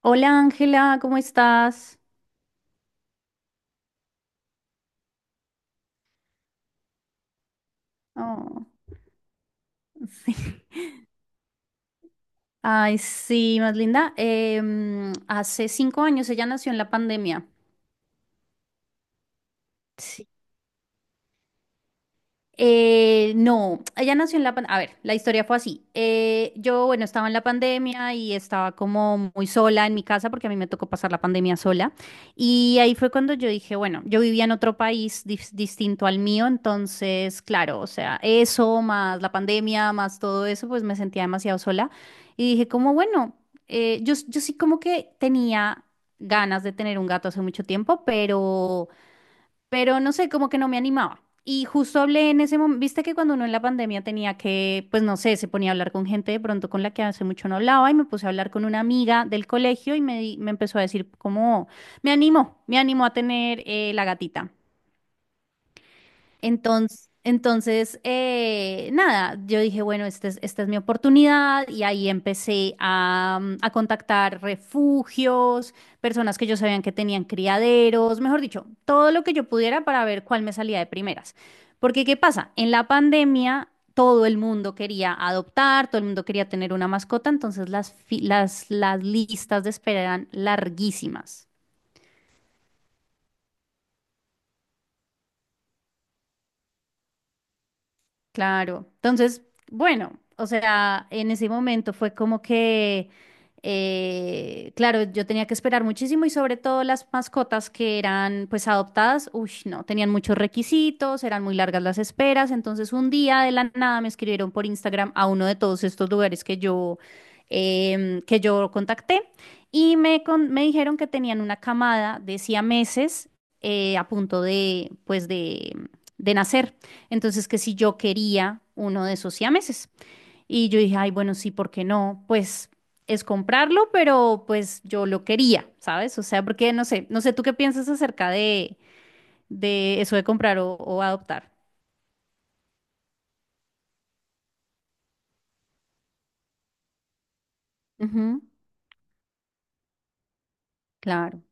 Hola Ángela, ¿cómo estás? Oh, sí. Ay, sí, más linda. Hace 5 años ella nació en la pandemia. Sí. No, ella nació en la pandemia. A ver, la historia fue así. Yo, bueno, estaba en la pandemia y estaba como muy sola en mi casa porque a mí me tocó pasar la pandemia sola. Y ahí fue cuando yo dije, bueno, yo vivía en otro país distinto al mío, entonces, claro, o sea, eso más la pandemia, más todo eso, pues me sentía demasiado sola. Y dije, como bueno, yo sí como que tenía ganas de tener un gato hace mucho tiempo, pero no sé, como que no me animaba. Y justo hablé en ese momento, viste que cuando uno en la pandemia tenía que, pues no sé, se ponía a hablar con gente de pronto con la que hace mucho no hablaba y me puse a hablar con una amiga del colegio y me, me empezó a decir como, me animó a tener la gatita. Entonces, nada, yo dije, bueno, esta es mi oportunidad y ahí empecé a, a contactar refugios, personas que yo sabían que tenían criaderos, mejor dicho, todo lo que yo pudiera para ver cuál me salía de primeras. Porque, ¿qué pasa? En la pandemia todo el mundo quería adoptar, todo el mundo quería tener una mascota, entonces las listas de espera eran larguísimas. Claro. Entonces, bueno, o sea, en ese momento fue como que, claro, yo tenía que esperar muchísimo y sobre todo las mascotas que eran pues adoptadas, uy, no, tenían muchos requisitos, eran muy largas las esperas, entonces un día de la nada me escribieron por Instagram a uno de todos estos lugares que yo, que yo contacté y me, me dijeron que tenían una camada de siameses a punto de, pues de nacer. Entonces, que si yo quería uno de esos siameses. Y yo dije, ay, bueno, sí, ¿por qué no? Pues es comprarlo, pero pues yo lo quería, ¿sabes? O sea, porque no sé, no sé, ¿tú qué piensas acerca de eso de comprar o adoptar? Ujú, claro.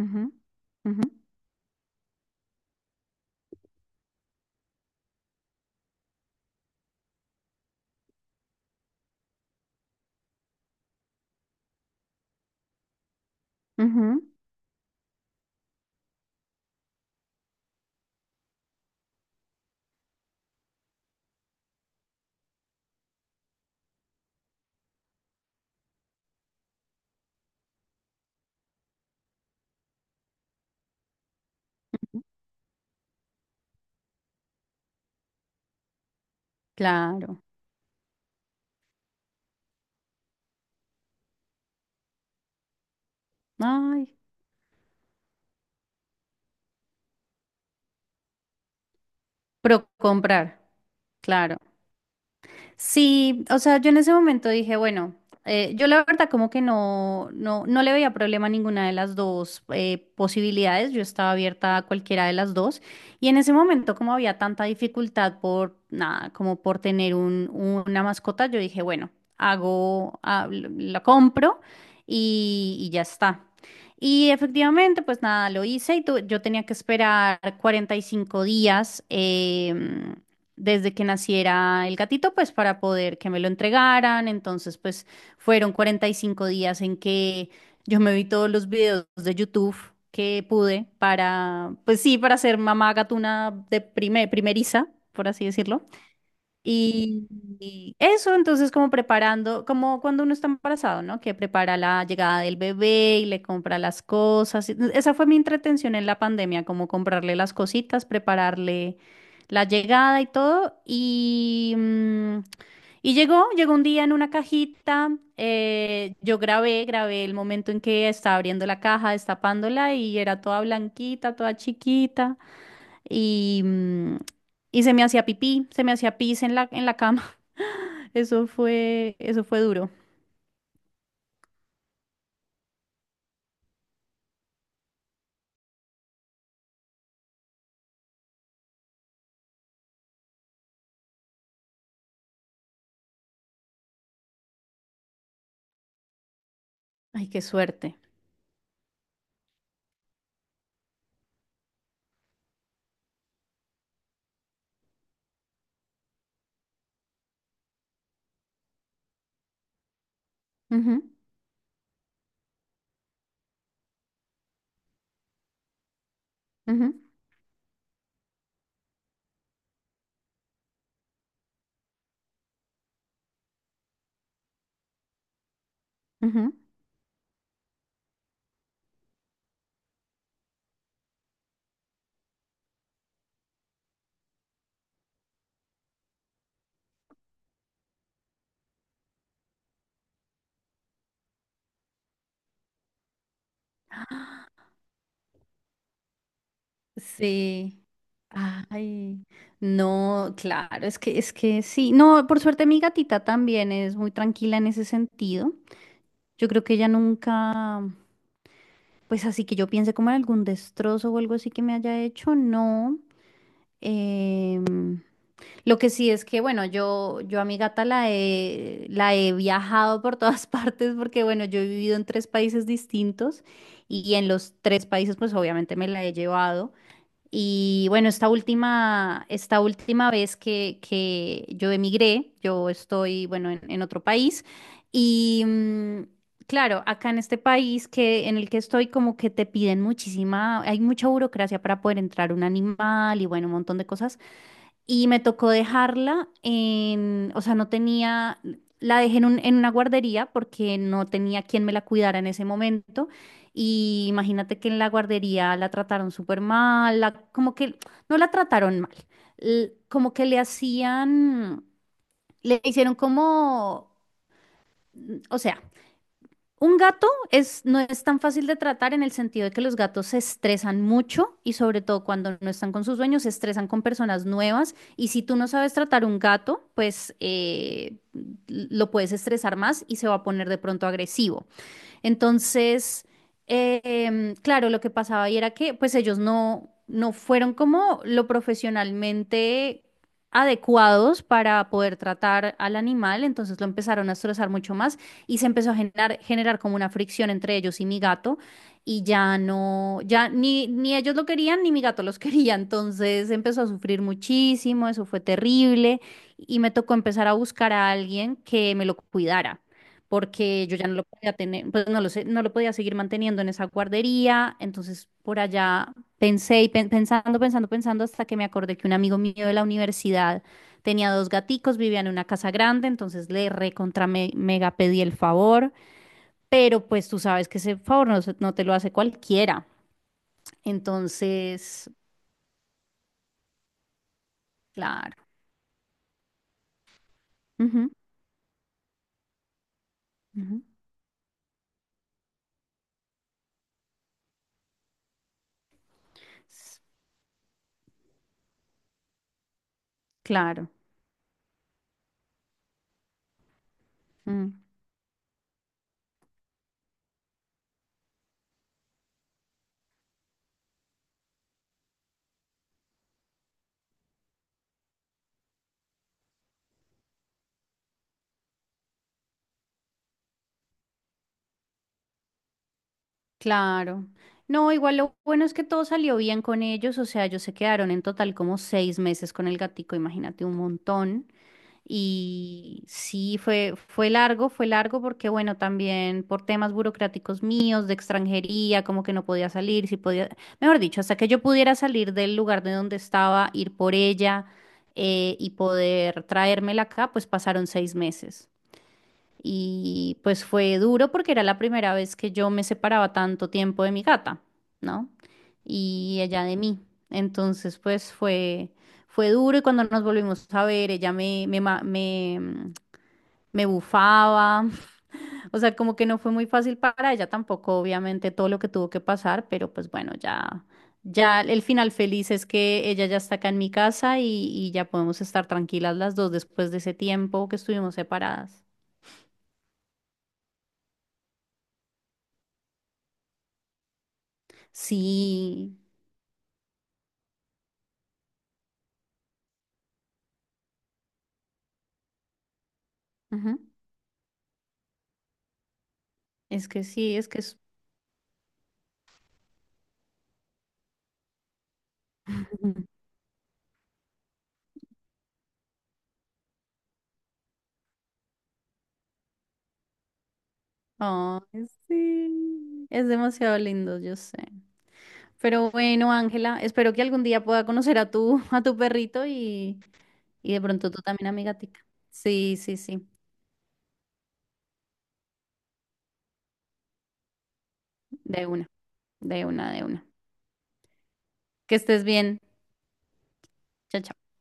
Ujú, ujú, ujú, ujú. Claro. Ay, pro comprar. Claro. Sí, o sea, yo en ese momento dije, bueno, yo la verdad como que no, no, no le veía problema a ninguna de las dos posibilidades, yo estaba abierta a cualquiera de las dos y en ese momento como había tanta dificultad por nada, como por tener un, una mascota, yo dije, bueno, hago, ah, la compro y ya está. Y efectivamente, pues nada, lo hice y yo tenía que esperar 45 días. Desde que naciera el gatito, pues para poder que me lo entregaran. Entonces, pues fueron 45 días en que yo me vi todos los videos de YouTube que pude para, pues sí, para ser mamá gatuna de primeriza, por así decirlo. Y, y eso, entonces, como preparando, como cuando uno está embarazado, ¿no? Que prepara la llegada del bebé y le compra las cosas. Esa fue mi entretención en la pandemia, como comprarle las cositas, prepararle la llegada y todo. Y llegó un día en una cajita. Yo grabé el momento en que estaba abriendo la caja, destapándola y era toda blanquita, toda chiquita. Y, mm, y se me hacía pipí, se me hacía pis en la cama. Eso fue duro. Ay, qué suerte. Ujú, ujú, ujú. Sí. Ay, no, claro, es que sí. No, por suerte mi gatita también es muy tranquila en ese sentido. Yo creo que ella nunca, pues así que yo piense como en algún destrozo o algo así que me haya hecho, no. Em, Lo que sí es que, bueno, yo a mi gata la he viajado por todas partes porque, bueno, yo he vivido en 3 países distintos y en los 3 países, pues obviamente me la he llevado. Y bueno, esta última vez que yo emigré, yo estoy, bueno, en otro país y claro, acá en este país que, en el que estoy, como que te piden muchísima, hay mucha burocracia para poder entrar un animal y, bueno, un montón de cosas y me tocó dejarla en, o sea, no tenía, la dejé en, en una guardería porque no tenía quien me la cuidara en ese momento. Y imagínate que en la guardería la trataron súper mal, como que no la trataron mal, como que le hacían, le hicieron como, o sea, un gato es, no es tan fácil de tratar en el sentido de que los gatos se estresan mucho y sobre todo cuando no están con sus dueños se estresan con personas nuevas y si tú no sabes tratar un gato, pues lo puedes estresar más y se va a poner de pronto agresivo. Entonces, claro, lo que pasaba ahí era que pues ellos no, no fueron como lo profesionalmente adecuados para poder tratar al animal, entonces lo empezaron a estresar mucho más y se empezó a generar como una fricción entre ellos y mi gato y ya no, ya ni, ni ellos lo querían ni mi gato los quería, entonces empezó a sufrir muchísimo, eso fue terrible y me tocó empezar a buscar a alguien que me lo cuidara porque yo ya no lo podía tener, pues no lo sé, no lo podía seguir manteniendo en esa guardería. Entonces, por allá pensé y pensando, pensando, pensando, hasta que me acordé que un amigo mío de la universidad tenía 2 gaticos, vivía en una casa grande, entonces le recontra mega pedí el favor, pero pues tú sabes que ese favor no, no te lo hace cualquiera. Entonces, claro. Ujú, ujú. s- Claro. Mm. Claro. No, igual lo bueno es que todo salió bien con ellos, o sea, ellos se quedaron en total como 6 meses con el gatico, imagínate un montón. Y sí, fue, fue largo porque bueno, también por temas burocráticos míos, de extranjería, como que no podía salir, si podía, mejor dicho, hasta que yo pudiera salir del lugar de donde estaba, ir por ella y poder traérmela acá, pues pasaron 6 meses. Y pues fue duro porque era la primera vez que yo me separaba tanto tiempo de mi gata, ¿no? Y ella de mí. Entonces, pues fue, fue duro y cuando nos volvimos a ver, ella me, me, me bufaba. O sea, como que no fue muy fácil para ella tampoco, obviamente, todo lo que tuvo que pasar, pero pues bueno, ya, ya el final feliz es que ella ya está acá en mi casa y ya podemos estar tranquilas las dos después de ese tiempo que estuvimos separadas. Sí, ajá. Es que sí, es que es... Ay, sí, es demasiado lindo, yo sé. Pero bueno, Ángela, espero que algún día pueda conocer a tu perrito y de pronto tú también a mi gatica. Sí, sí, sí, de una, de una, de una. Que estés bien. Chao, chao.